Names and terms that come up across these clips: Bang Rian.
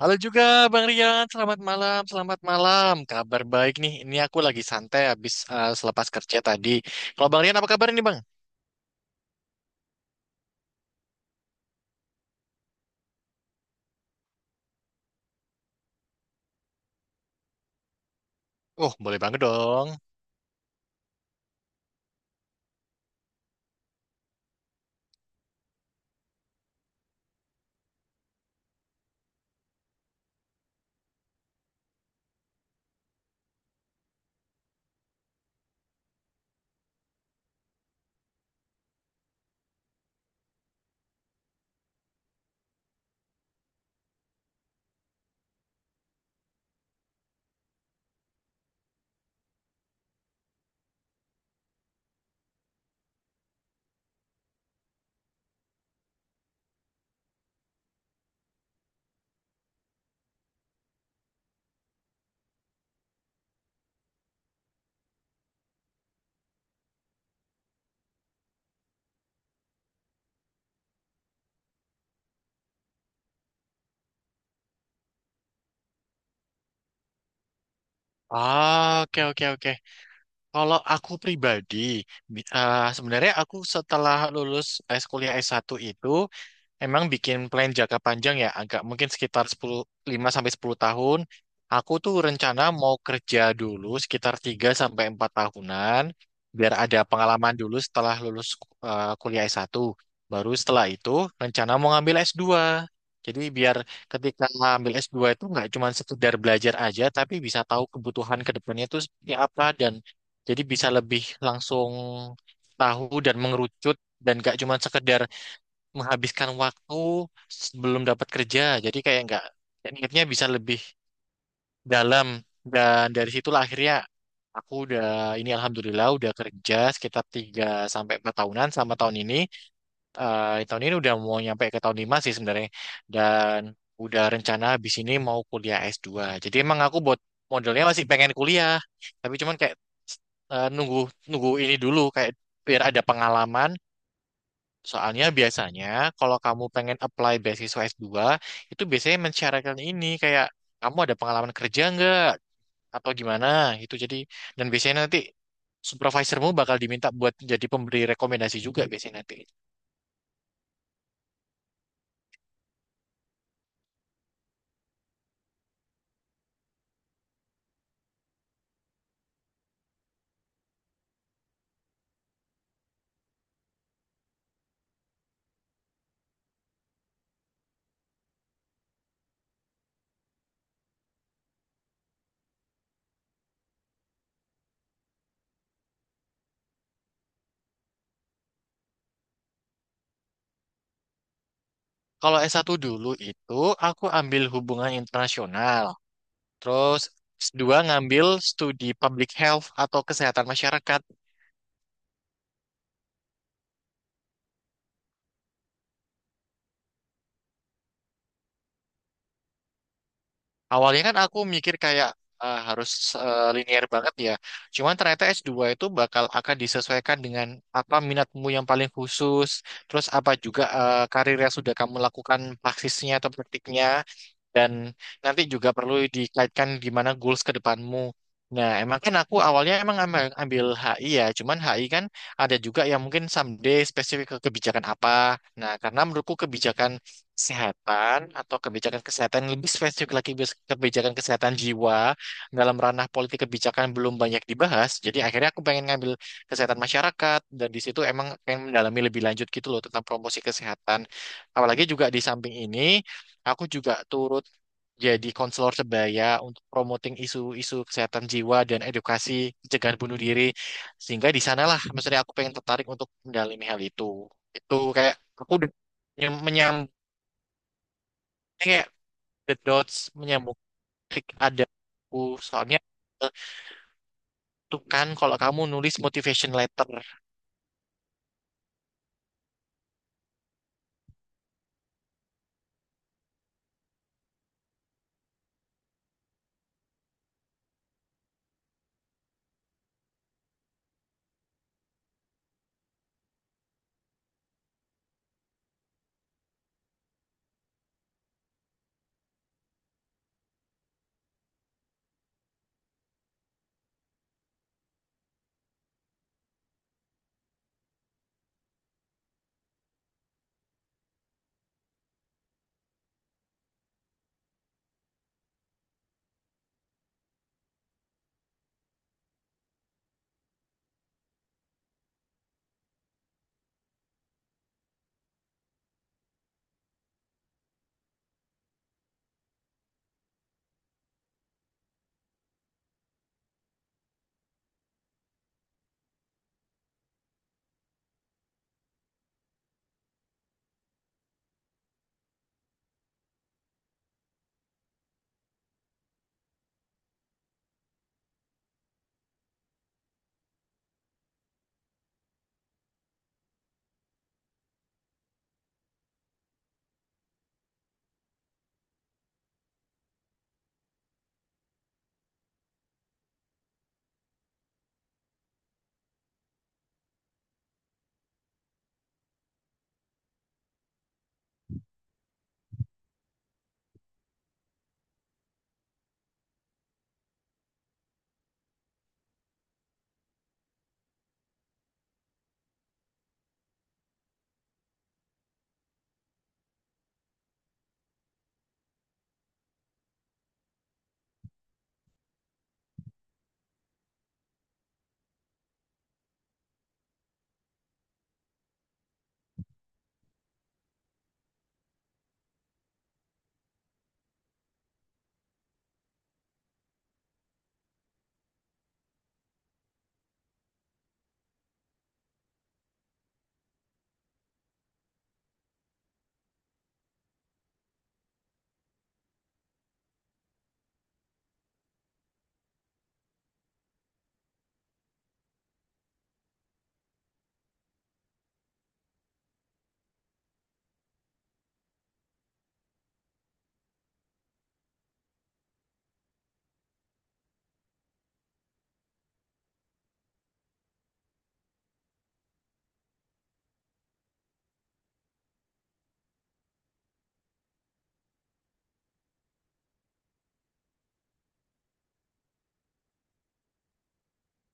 Halo juga Bang Rian, selamat malam, selamat malam. Kabar baik nih, ini aku lagi santai habis selepas kerja tadi. Kalau Bang Rian apa kabar ini Bang? Oh, boleh banget dong. Ah, oke, oke, oke. Kalau aku pribadi, sebenarnya aku setelah lulus kuliah S1 itu, emang bikin plan jangka panjang ya, agak mungkin sekitar 5 sampai 10 tahun. Aku tuh rencana mau kerja dulu sekitar 3 sampai 4 tahunan, biar ada pengalaman dulu setelah lulus kuliah S1. Baru setelah itu rencana mau ngambil S2. Jadi biar ketika ngambil S2 itu nggak cuma sekedar belajar aja, tapi bisa tahu kebutuhan ke depannya itu seperti apa dan jadi bisa lebih langsung tahu dan mengerucut dan gak cuma sekedar menghabiskan waktu sebelum dapat kerja. Jadi kayak nggak kayak niatnya bisa lebih dalam, dan dari situlah akhirnya aku udah ini alhamdulillah udah kerja sekitar 3 sampai 4 tahunan sama tahun ini. Tahun ini udah mau nyampe ke tahun 5 sih sebenarnya, dan udah rencana habis ini mau kuliah S2. Jadi emang aku buat modelnya masih pengen kuliah, tapi cuman kayak nunggu nunggu ini dulu kayak biar ada pengalaman. Soalnya biasanya kalau kamu pengen apply beasiswa S2 itu biasanya mensyaratkan ini kayak kamu ada pengalaman kerja nggak atau gimana itu, jadi dan biasanya nanti supervisormu bakal diminta buat jadi pemberi rekomendasi juga biasanya nanti. Kalau S1 dulu itu aku ambil hubungan internasional, terus S2 ngambil studi public health atau kesehatan masyarakat. Awalnya kan aku mikir kayak harus linear banget ya. Cuman ternyata S2 itu bakal akan disesuaikan dengan apa minatmu yang paling khusus, terus apa juga karir yang sudah kamu lakukan praksisnya atau praktiknya, dan nanti juga perlu dikaitkan gimana goals ke depanmu. Nah, emang kan aku awalnya emang ambil HI ya, cuman HI kan ada juga yang mungkin someday spesifik ke kebijakan apa. Nah, karena menurutku kebijakan kesehatan atau kebijakan kesehatan lebih spesifik lagi kebijakan kesehatan jiwa dalam ranah politik kebijakan belum banyak dibahas. Jadi akhirnya aku pengen ngambil kesehatan masyarakat, dan di situ emang pengen mendalami lebih lanjut gitu loh tentang promosi kesehatan. Apalagi juga di samping ini aku juga turut jadi konselor sebaya untuk promoting isu-isu kesehatan jiwa dan edukasi pencegahan bunuh diri, sehingga di sanalah maksudnya aku pengen tertarik untuk mendalami hal itu. Itu kayak aku udah menyambung the dots, menyambung klik ada aku, soalnya itu kan kalau kamu nulis motivation letter.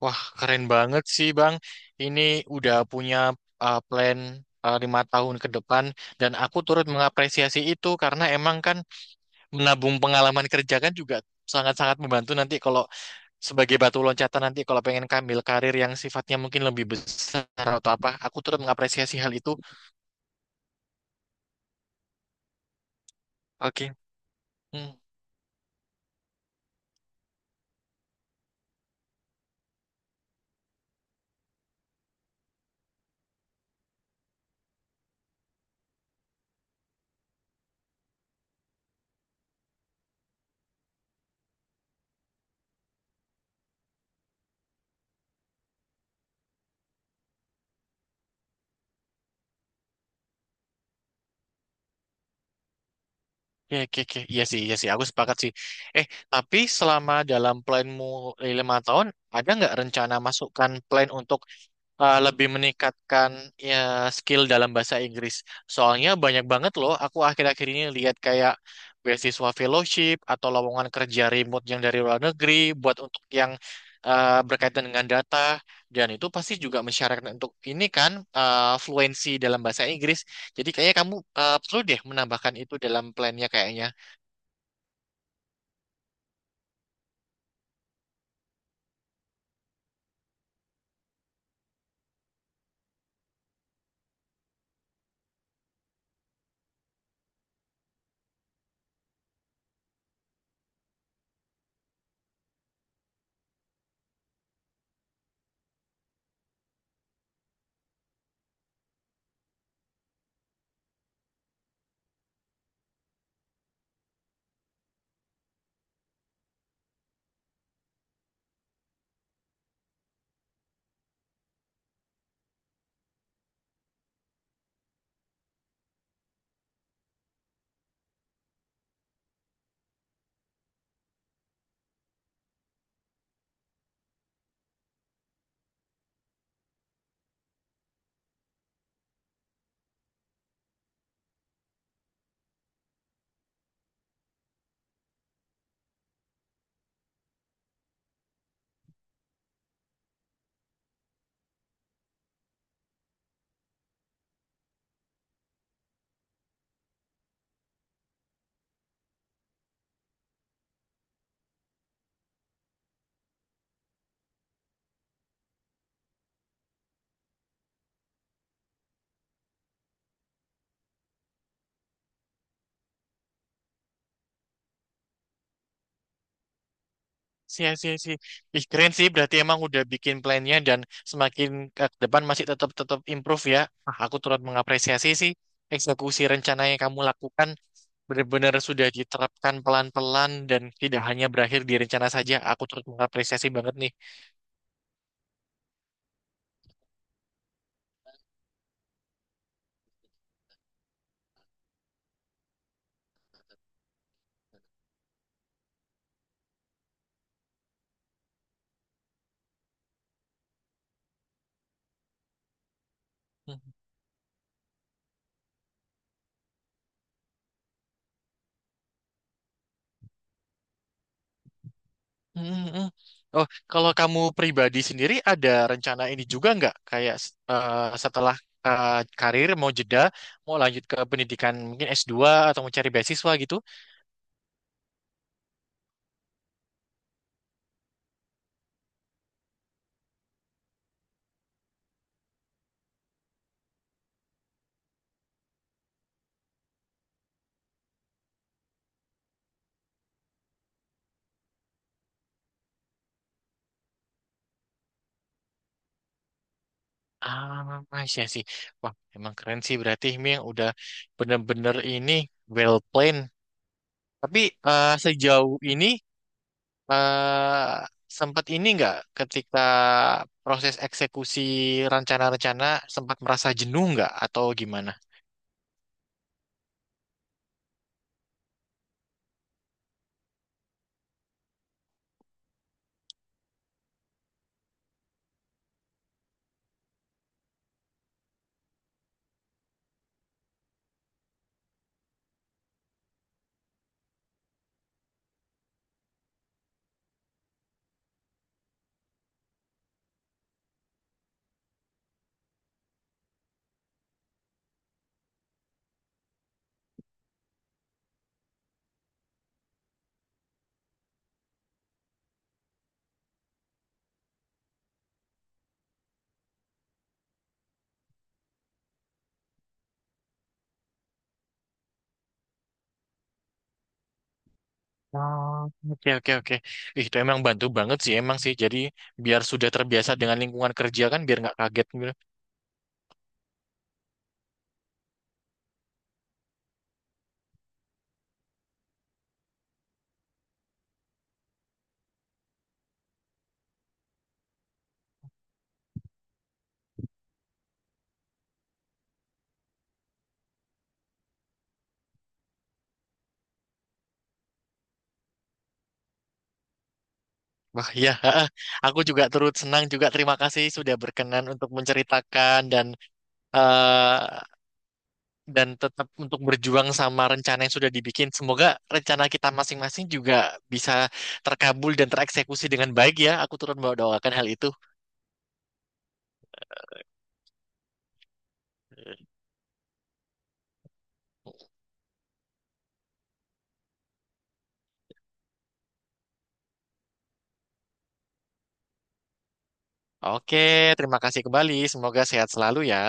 Wah, keren banget sih, Bang. Ini udah punya plan 5 tahun ke depan, dan aku turut mengapresiasi itu, karena emang kan menabung pengalaman kerja kan juga sangat-sangat membantu nanti kalau sebagai batu loncatan nanti kalau pengen kambil karir yang sifatnya mungkin lebih besar atau apa. Aku turut mengapresiasi hal itu. Oke. Hmm. Ya, oke, oke. Iya sih, iya sih. Aku sepakat sih. Eh, tapi selama dalam planmu 5 tahun, ada nggak rencana masukkan plan untuk lebih meningkatkan ya, skill dalam bahasa Inggris? Soalnya banyak banget loh. Aku akhir-akhir ini lihat kayak beasiswa fellowship atau lowongan kerja remote yang dari luar negeri buat untuk yang berkaitan dengan data. Dan itu pasti juga mensyaratkan untuk ini kan fluensi dalam bahasa Inggris. Jadi kayaknya kamu perlu deh menambahkan itu dalam plannya kayaknya. Sih, sih, sih. Ih, keren sih. Berarti emang udah bikin plannya dan semakin ke depan masih tetap tetap improve ya. Ah, aku turut mengapresiasi sih eksekusi rencana yang kamu lakukan benar-benar sudah diterapkan pelan-pelan dan tidak hanya berakhir di rencana saja. Aku turut mengapresiasi banget nih. Hmm, hmm, hmm. Oh, kalau kamu pribadi sendiri ada rencana ini juga nggak? Kayak setelah eh, karir mau jeda, mau lanjut ke pendidikan mungkin S2 atau mau cari beasiswa gitu? Ah, iya sih. Wah, emang keren sih, berarti ini yang udah bener-bener ini well planned. Tapi sejauh ini eh sempat ini nggak ketika proses eksekusi rencana-rencana sempat merasa jenuh nggak atau gimana? Oh, oke, oke, oke. Ih, itu emang bantu banget sih, emang sih. Jadi biar sudah terbiasa dengan lingkungan kerja kan, biar nggak kaget gitu. Wah, ya, aku juga turut senang juga. Terima kasih sudah berkenan untuk menceritakan eh, dan tetap untuk berjuang sama rencana yang sudah dibikin. Semoga rencana kita masing-masing juga bisa terkabul dan tereksekusi dengan baik ya. Aku turut mendoakan hal itu. Oke, terima kasih kembali. Semoga sehat selalu ya.